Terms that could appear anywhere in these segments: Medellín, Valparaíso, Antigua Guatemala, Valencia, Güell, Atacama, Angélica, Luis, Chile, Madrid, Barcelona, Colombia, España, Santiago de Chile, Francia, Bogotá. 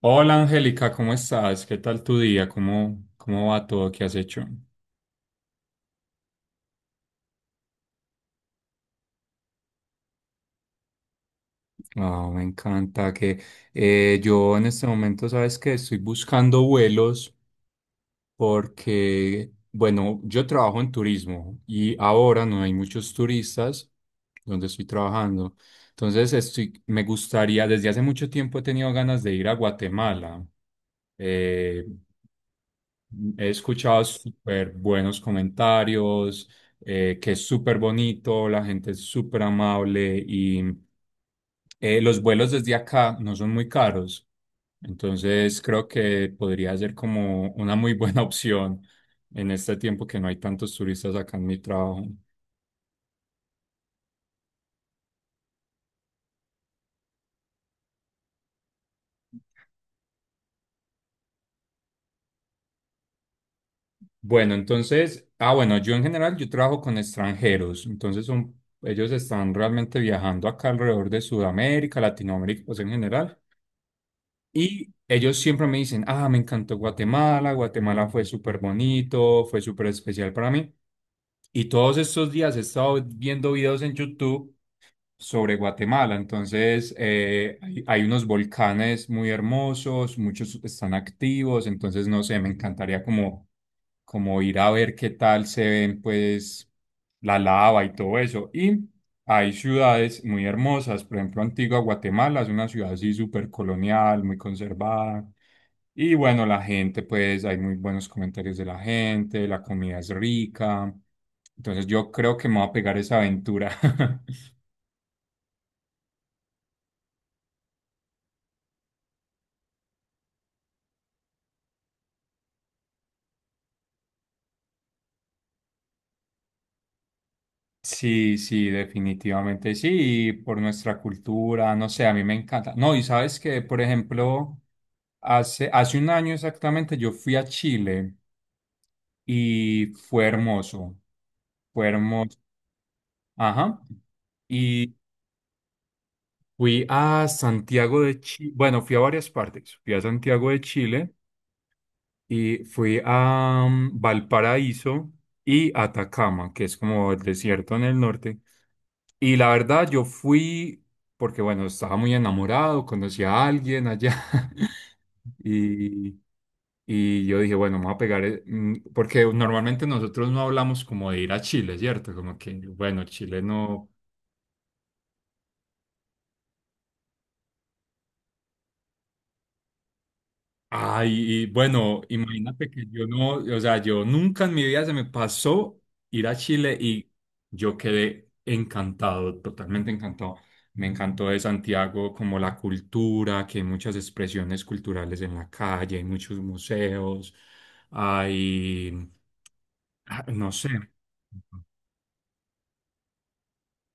Hola Angélica, ¿cómo estás? ¿Qué tal tu día? ¿Cómo va todo? ¿Qué has hecho? Ah, me encanta que yo en este momento, sabes que estoy buscando vuelos porque, bueno, yo trabajo en turismo y ahora no hay muchos turistas donde estoy trabajando. Entonces, estoy, me gustaría, desde hace mucho tiempo he tenido ganas de ir a Guatemala. Eh, He escuchado súper buenos comentarios, que es súper bonito, la gente es súper amable y los vuelos desde acá no son muy caros. Entonces creo que podría ser como una muy buena opción en este tiempo que no hay tantos turistas acá en mi trabajo. Bueno, entonces, ah, bueno, yo en general yo trabajo con extranjeros, entonces son, ellos están realmente viajando acá alrededor de Sudamérica, Latinoamérica, pues en general. Y ellos siempre me dicen, ah, me encantó Guatemala, Guatemala fue súper bonito, fue súper especial para mí. Y todos estos días he estado viendo videos en YouTube sobre Guatemala. Entonces, hay unos volcanes muy hermosos, muchos están activos, entonces, no sé, me encantaría como, como ir a ver qué tal se ven, pues, la lava y todo eso. Y hay ciudades muy hermosas, por ejemplo, Antigua Guatemala es una ciudad así súper colonial, muy conservada. Y bueno, la gente, pues hay muy buenos comentarios de la gente, la comida es rica. Entonces yo creo que me voy a pegar esa aventura. Sí, sí, definitivamente sí, y por nuestra cultura, no sé, a mí me encanta. No, y sabes que, por ejemplo, hace un año exactamente yo fui a Chile y fue hermoso, ajá, y fui a Santiago de Chile, bueno, fui a varias partes, fui a Santiago de Chile y fui a Valparaíso y Atacama, que es como el desierto en el norte. Y la verdad, yo fui porque, bueno, estaba muy enamorado, conocí a alguien allá y, y yo dije, bueno, me voy a pegar, porque normalmente nosotros no hablamos como de ir a Chile, ¿cierto? Como que, bueno, Chile no. Ay, y bueno, imagínate que yo no, o sea, yo nunca en mi vida se me pasó ir a Chile y yo quedé encantado, totalmente encantado. Me encantó de Santiago como la cultura, que hay muchas expresiones culturales en la calle, hay muchos museos, hay, ah, no sé,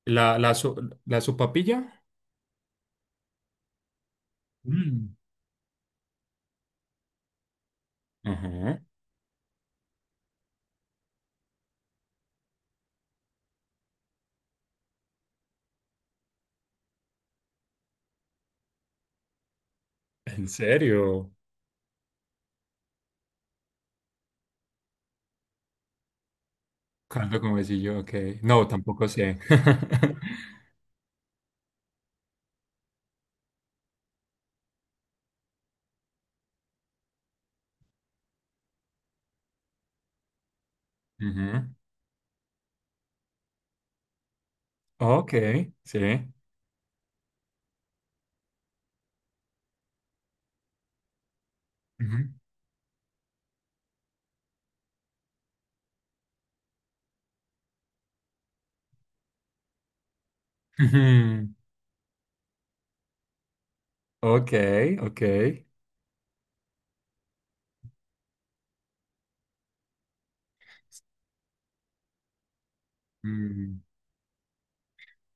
la, la, so- la sopapilla. Mm. Ajá. ¿En serio? Caldo como decía yo, ok. No, tampoco sé. Ujú. Ok, sí. Ujú. Ujú. Ok, ok. Mm.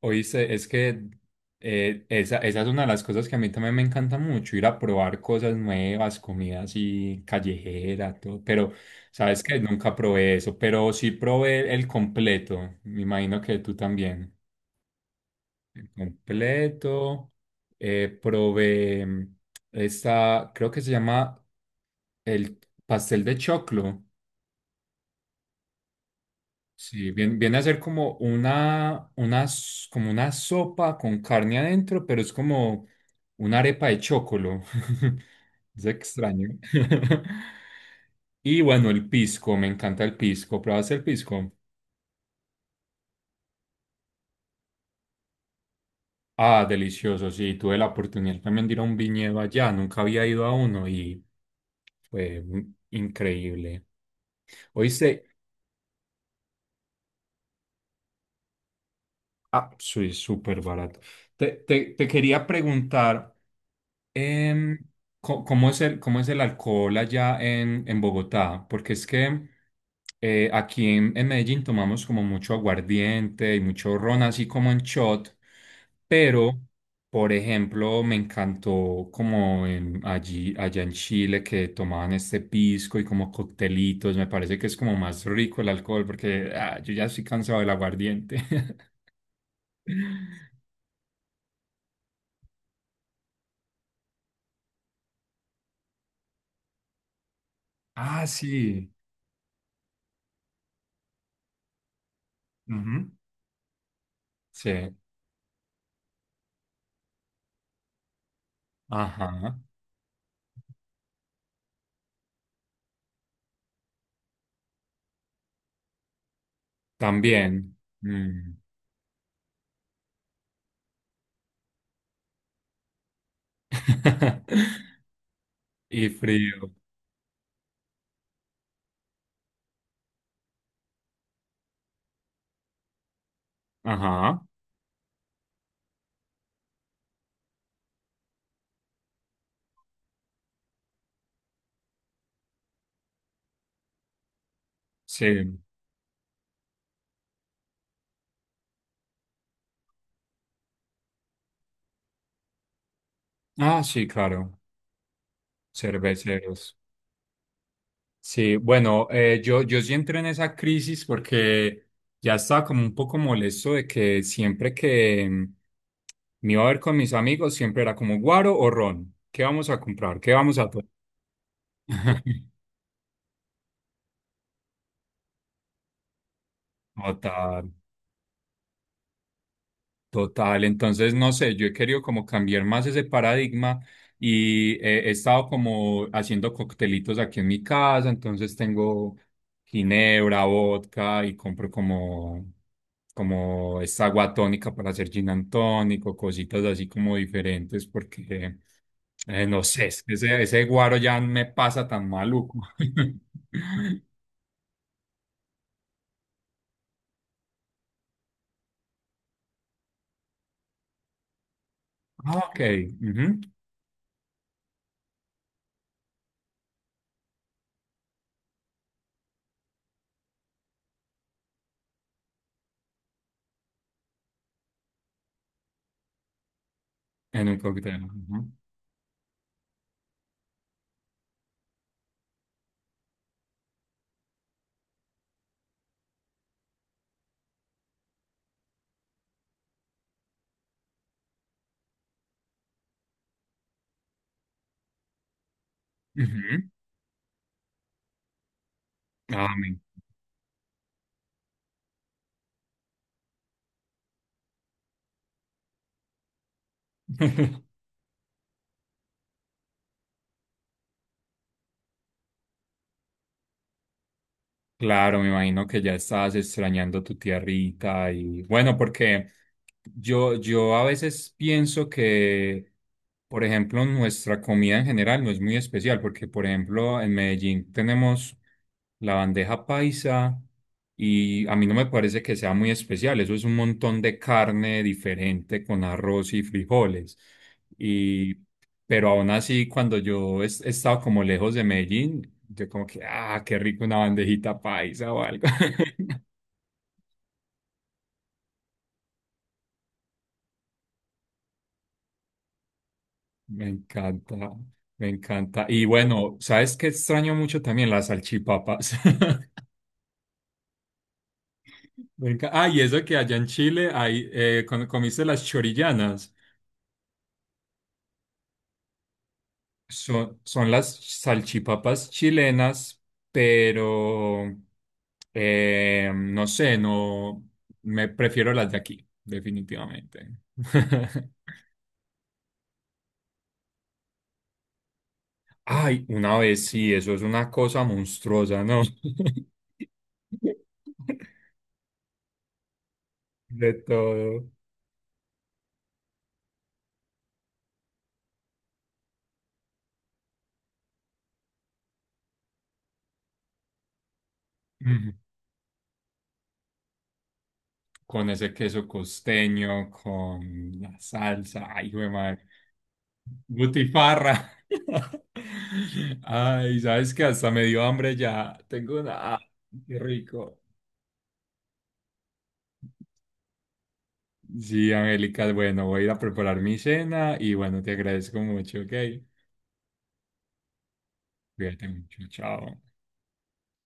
Oíste, es que esa es una de las cosas que a mí también me encanta mucho, ir a probar cosas nuevas, comida así callejera, todo. Pero, ¿sabes que Nunca probé eso, pero sí probé el completo. Me imagino que tú también. El completo. Probé esta, creo que se llama el pastel de choclo. Sí, viene a ser como como una sopa con carne adentro, pero es como una arepa de chocolo. Es extraño. Y bueno, el pisco, me encanta el pisco. ¿Pruebas el pisco? Ah, delicioso, sí. Tuve la oportunidad también de ir a un viñedo allá. Nunca había ido a uno y fue increíble. Oíste, ah, soy súper barato. Te quería preguntar. Em, ¿Cómo es cómo es el alcohol en Bogotá? Porque es que aquí en Medellín tomamos como mucho aguardiente y mucho ron, así como en shot, pero, por ejemplo, me encantó como allá en Chile que tomaban este pisco y como coctelitos, me parece que es como más rico el alcohol porque ah, yo ya estoy cansado del aguardiente. Ah, sí. Ujú. Sí. Ajá. También. Mm. Y frío. Ajá. Sí. Ah, sí, claro. Cerveceros. Sí, bueno, yo sí entré en esa crisis porque ya estaba como un poco molesto de que siempre que me iba a ver con mis amigos, siempre era como guaro o ron. ¿Qué vamos a comprar? ¿Qué vamos a tomar? Total. Total, entonces no sé, yo he querido como cambiar más ese paradigma y he estado como haciendo coctelitos aquí en mi casa, entonces tengo ginebra, vodka y compro como esta agua tónica para hacer gin and tonic o cositas así como diferentes porque no sé, es que ese guaro ya me pasa tan maluco. Ah, ok, ujú. En un cóctel. Ujú, ujú, amén. Claro, me imagino que ya estabas extrañando tu tierrita y bueno, porque yo a veces pienso que, por ejemplo, nuestra comida en general no es muy especial, porque, por ejemplo, en Medellín tenemos la bandeja paisa y a mí no me parece que sea muy especial, eso es un montón de carne diferente con arroz y frijoles. Y, pero aún así, cuando yo he estado como lejos de Medellín, yo como que, ah, qué rico una bandejita paisa o algo. Me encanta, me encanta. Y bueno, ¿sabes qué extraño mucho también? Las salchipapas. Ah, y eso que allá en Chile hay, ¿comiste las chorillanas? Son, son las salchipapas chilenas, pero no me prefiero las de aquí, definitivamente. Ay, una vez sí, eso es una cosa monstruosa, ¿no? De todo. Mm. Con ese queso costeño, con la salsa, ay, güey, butifarra. Ay, sabes que hasta me dio hambre ya. Tengo una. Ah, qué rico. Sí, Angélica, bueno, voy a ir a preparar mi cena y bueno, te agradezco mucho, ok. Cuídate mucho, chao.